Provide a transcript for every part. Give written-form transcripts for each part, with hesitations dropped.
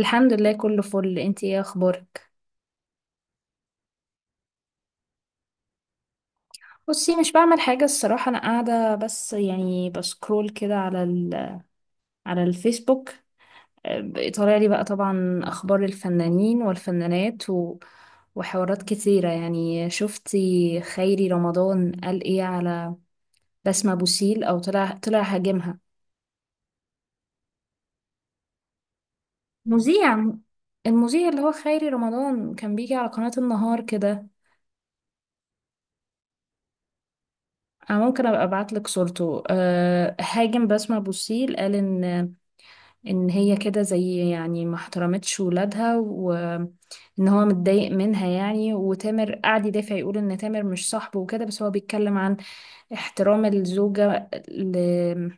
الحمد لله كله فل، انتي ايه اخبارك؟ بصي، مش بعمل حاجة الصراحة، انا قاعدة بس يعني بسكرول كده على الفيسبوك. اه، طالع لي بقى طبعا اخبار الفنانين والفنانات وحوارات كتيرة. يعني شفتي خيري رمضان قال ايه على بسمة بوسيل؟ او طلع هاجمها. مذيع. المذيع اللي هو خيري رمضان كان بيجي على قناة النهار كده. انا ممكن ابقى ابعت لك صورته. هاجم بسمة بوسيل، قال ان هي كده زي يعني ما احترمتش ولادها، وان هو متضايق منها يعني. وتامر قعد يدافع، يقول ان تامر مش صاحبه وكده، بس هو بيتكلم عن احترام الزوجة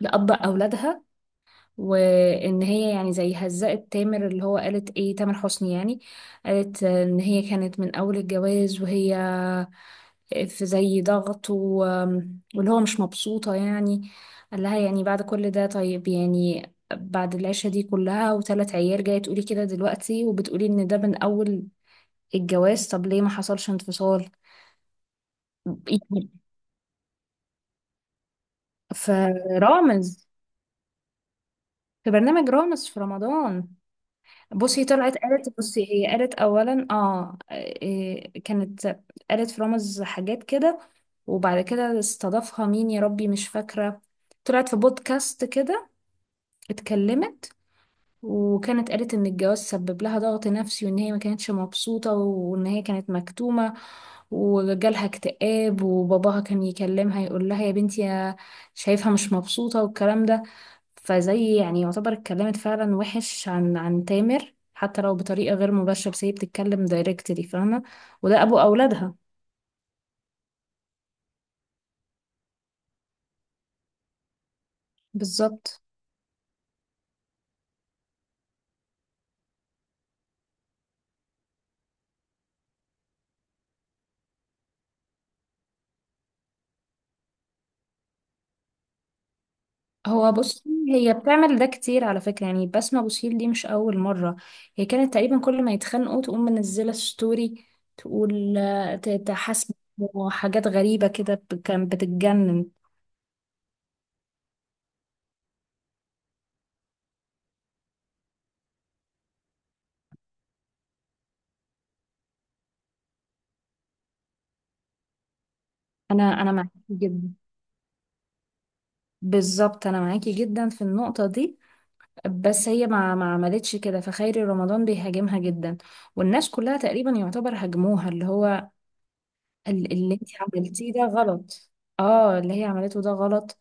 لأب أولادها، وإن هي يعني زي هزقت تامر، اللي هو قالت إيه تامر حسني يعني. قالت إن هي كانت من أول الجواز، وهي في زي ضغط واللي هو مش مبسوطة يعني. قال لها يعني بعد كل ده طيب يعني، بعد العيشة دي كلها وثلاث عيال، جاية تقولي كده دلوقتي؟ وبتقولي ان ده من اول الجواز، طب ليه ما حصلش انفصال؟ يعني فرامز في برنامج رامز في رمضان. بصي طلعت قالت، بصي هي قالت اولا، إيه، كانت قالت في رامز حاجات كده. وبعد كده استضافها مين يا ربي، مش فاكرة. طلعت في بودكاست كده، اتكلمت، وكانت قالت ان الجواز سبب لها ضغط نفسي، وان هي ما كانتش مبسوطة، وان هي كانت مكتومة وجالها اكتئاب، وباباها كان يكلمها يقول لها يا بنتي، يا شايفها مش مبسوطة والكلام ده. فزي يعني يعتبر اتكلمت فعلا وحش عن تامر، حتى لو بطريقة غير مباشرة، بس هي بتتكلم دايركتلي، فاهمة؟ وده ابو اولادها. بالظبط. هو بصي، هي بتعمل ده كتير على فكرة يعني. بسمة بوسيل دي مش أول مرة، هي كانت تقريبا كل ما يتخانقوا تقوم منزلة ستوري تقول تحاسبه وحاجات غريبة كده، كان بتتجنن. أنا معاكي جدا. بالظبط، أنا معاكي جدا في النقطة دي، بس هي ما عملتش كده. فخيري رمضان بيهاجمها جدا، والناس كلها تقريبا يعتبر هاجموها، اللي هو اللي انت عملتيه ده غلط. اه، اللي هي عملته ده غلط.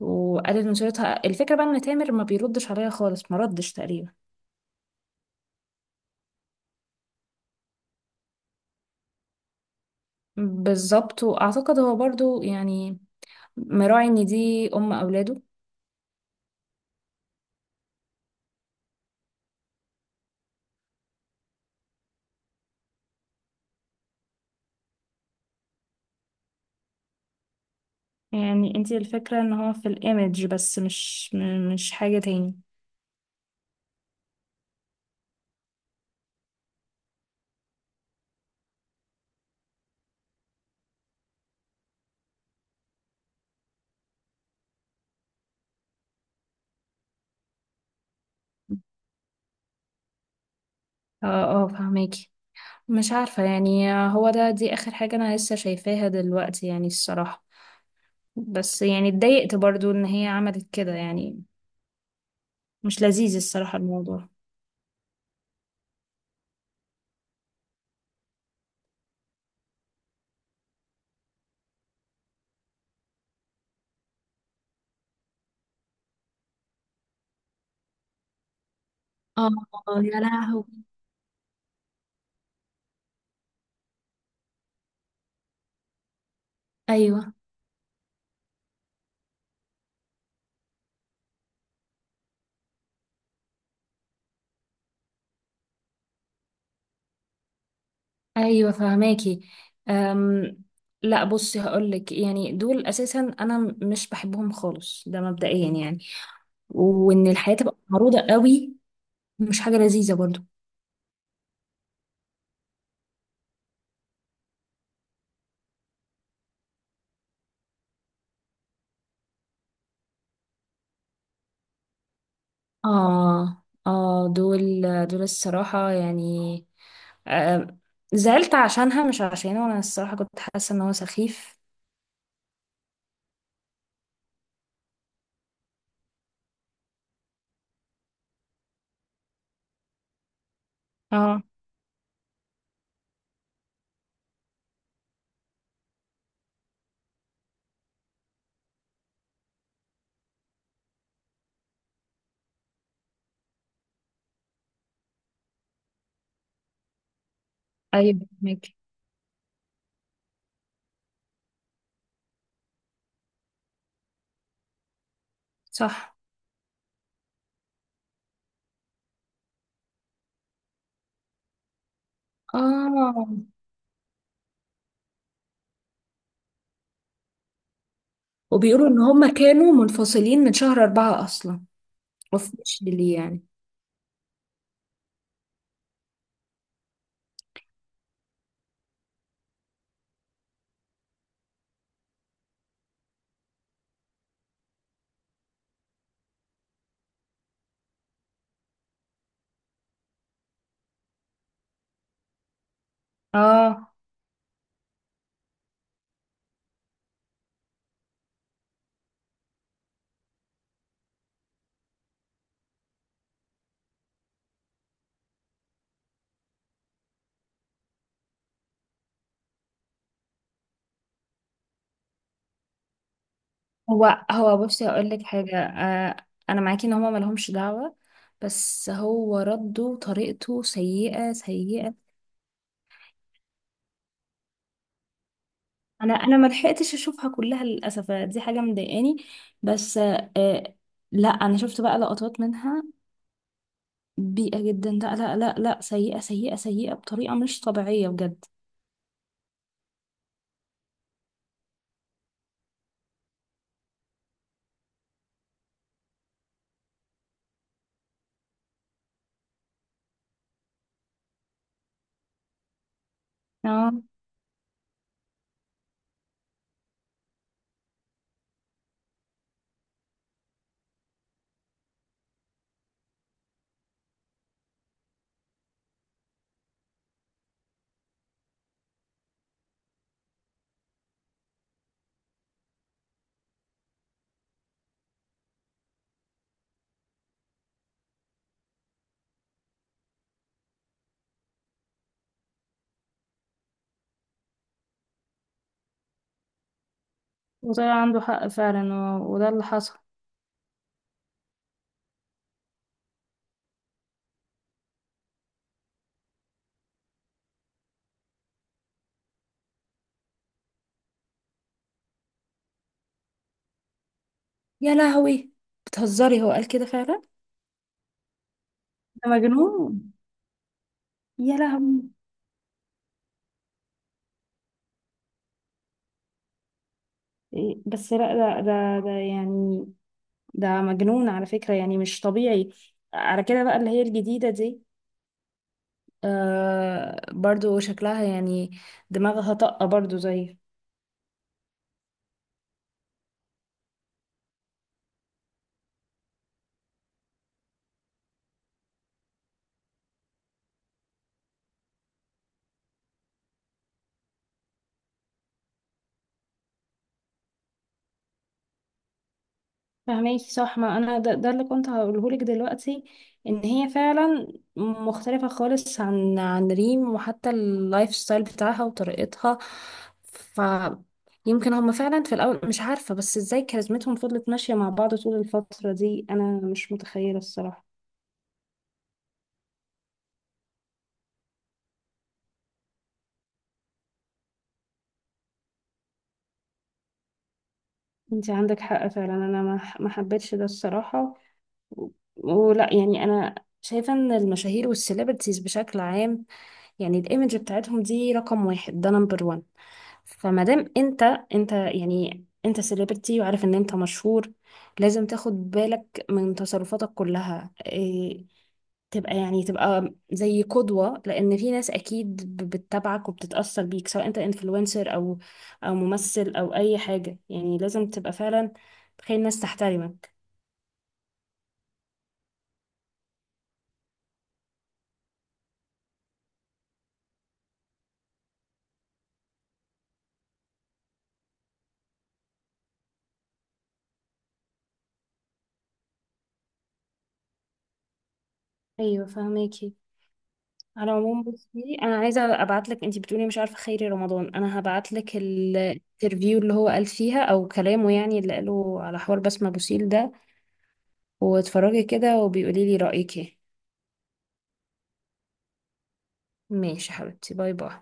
وقالت نشرتها. الفكرة بقى ان تامر ما بيردش عليا خالص، ما ردش تقريبا. بالظبط، واعتقد هو برضو يعني مراعي ان دي ام اولاده. يعني انتي الفكرة ان هو في الايمج بس، مش مش حاجة تاني. اه، اه، فهماكي. مش عارفة يعني، هو ده دي اخر حاجة انا لسه شايفاها دلوقتي يعني الصراحة، بس يعني اتضايقت برضو ان هي عملت كده يعني، مش لذيذ الصراحة الموضوع. اه. آه، يا لهوي. ايوه، ايوه، فهماكي. أم لا، بصي هقولك يعني دول اساسا انا مش بحبهم خالص، ده مبدئيا يعني، وان الحياه تبقى معروضه قوي، مش حاجه لذيذه برضو. اه، اه، دول الصراحه يعني. أم، زعلت عشانها مش عشانه، انا الصراحه كنت حاسه ان هو سخيف. اه، ايوه فهماكي، صح. اه، وبيقولوا ان هم كانوا منفصلين من شهر أربعة اصلا، وفي ليه يعني؟ اه، هو بصي هقول لك حاجة، آه. أنا معاكي إن هما ملهمش دعوة، بس هو رده طريقته سيئة سيئة. أنا ملحقتش أشوفها كلها للأسف، دي حاجة مضايقاني. بس لا، أنا شفت بقى لقطات منها. بيئة جدا، لا لا لا لا، سيئة سيئة سيئة، بطريقة مش طبيعية بجد. اه، وطلع عنده حق فعلا، وده اللي حصل. يا لهوي، بتهزري؟ هو قال كده فعلا؟ ده مجنون. يا لهوي. إيه، بس لا، ده يعني، ده مجنون على فكرة يعني، مش طبيعي. على كده بقى اللي هي الجديدة دي برضو شكلها يعني دماغها طاقة برضو زي. فهماكي، صح. ما انا ده اللي كنت هقوله لك دلوقتي، ان هي فعلا مختلفة خالص عن ريم، وحتى اللايف ستايل بتاعها وطريقتها. ف يمكن هما فعلا في الاول، مش عارفة بس ازاي كاريزمتهم فضلت ماشية مع بعض طول الفترة دي، انا مش متخيلة الصراحة. انت عندك حق فعلا، انا ما حبيتش ده الصراحه، و- ولا يعني، انا شايفه ان المشاهير والسيلبرتيز بشكل عام، يعني الايمج بتاعتهم دي رقم واحد، ده نمبر وان. فما دام انت يعني انت سيلبرتي وعارف ان انت مشهور، لازم تاخد بالك من تصرفاتك كلها. إيه، تبقى زي قدوة، لأن في ناس أكيد بتتابعك وبتتأثر بيك، سواء أنت انفلونسر أو ممثل أو أي حاجة يعني. لازم تبقى فعلا تخلي الناس تحترمك. أيوة فهماكي. على العموم بصي، أنا عايزة أبعتلك. أنتي بتقولي مش عارفة خيري رمضان، أنا هبعتلك الانترفيو اللي هو قال فيها أو كلامه يعني اللي قاله على حوار بسمة بوسيل ده، واتفرجي كده وبيقولي لي رأيك ايه. ماشي حبيبتي، باي باي.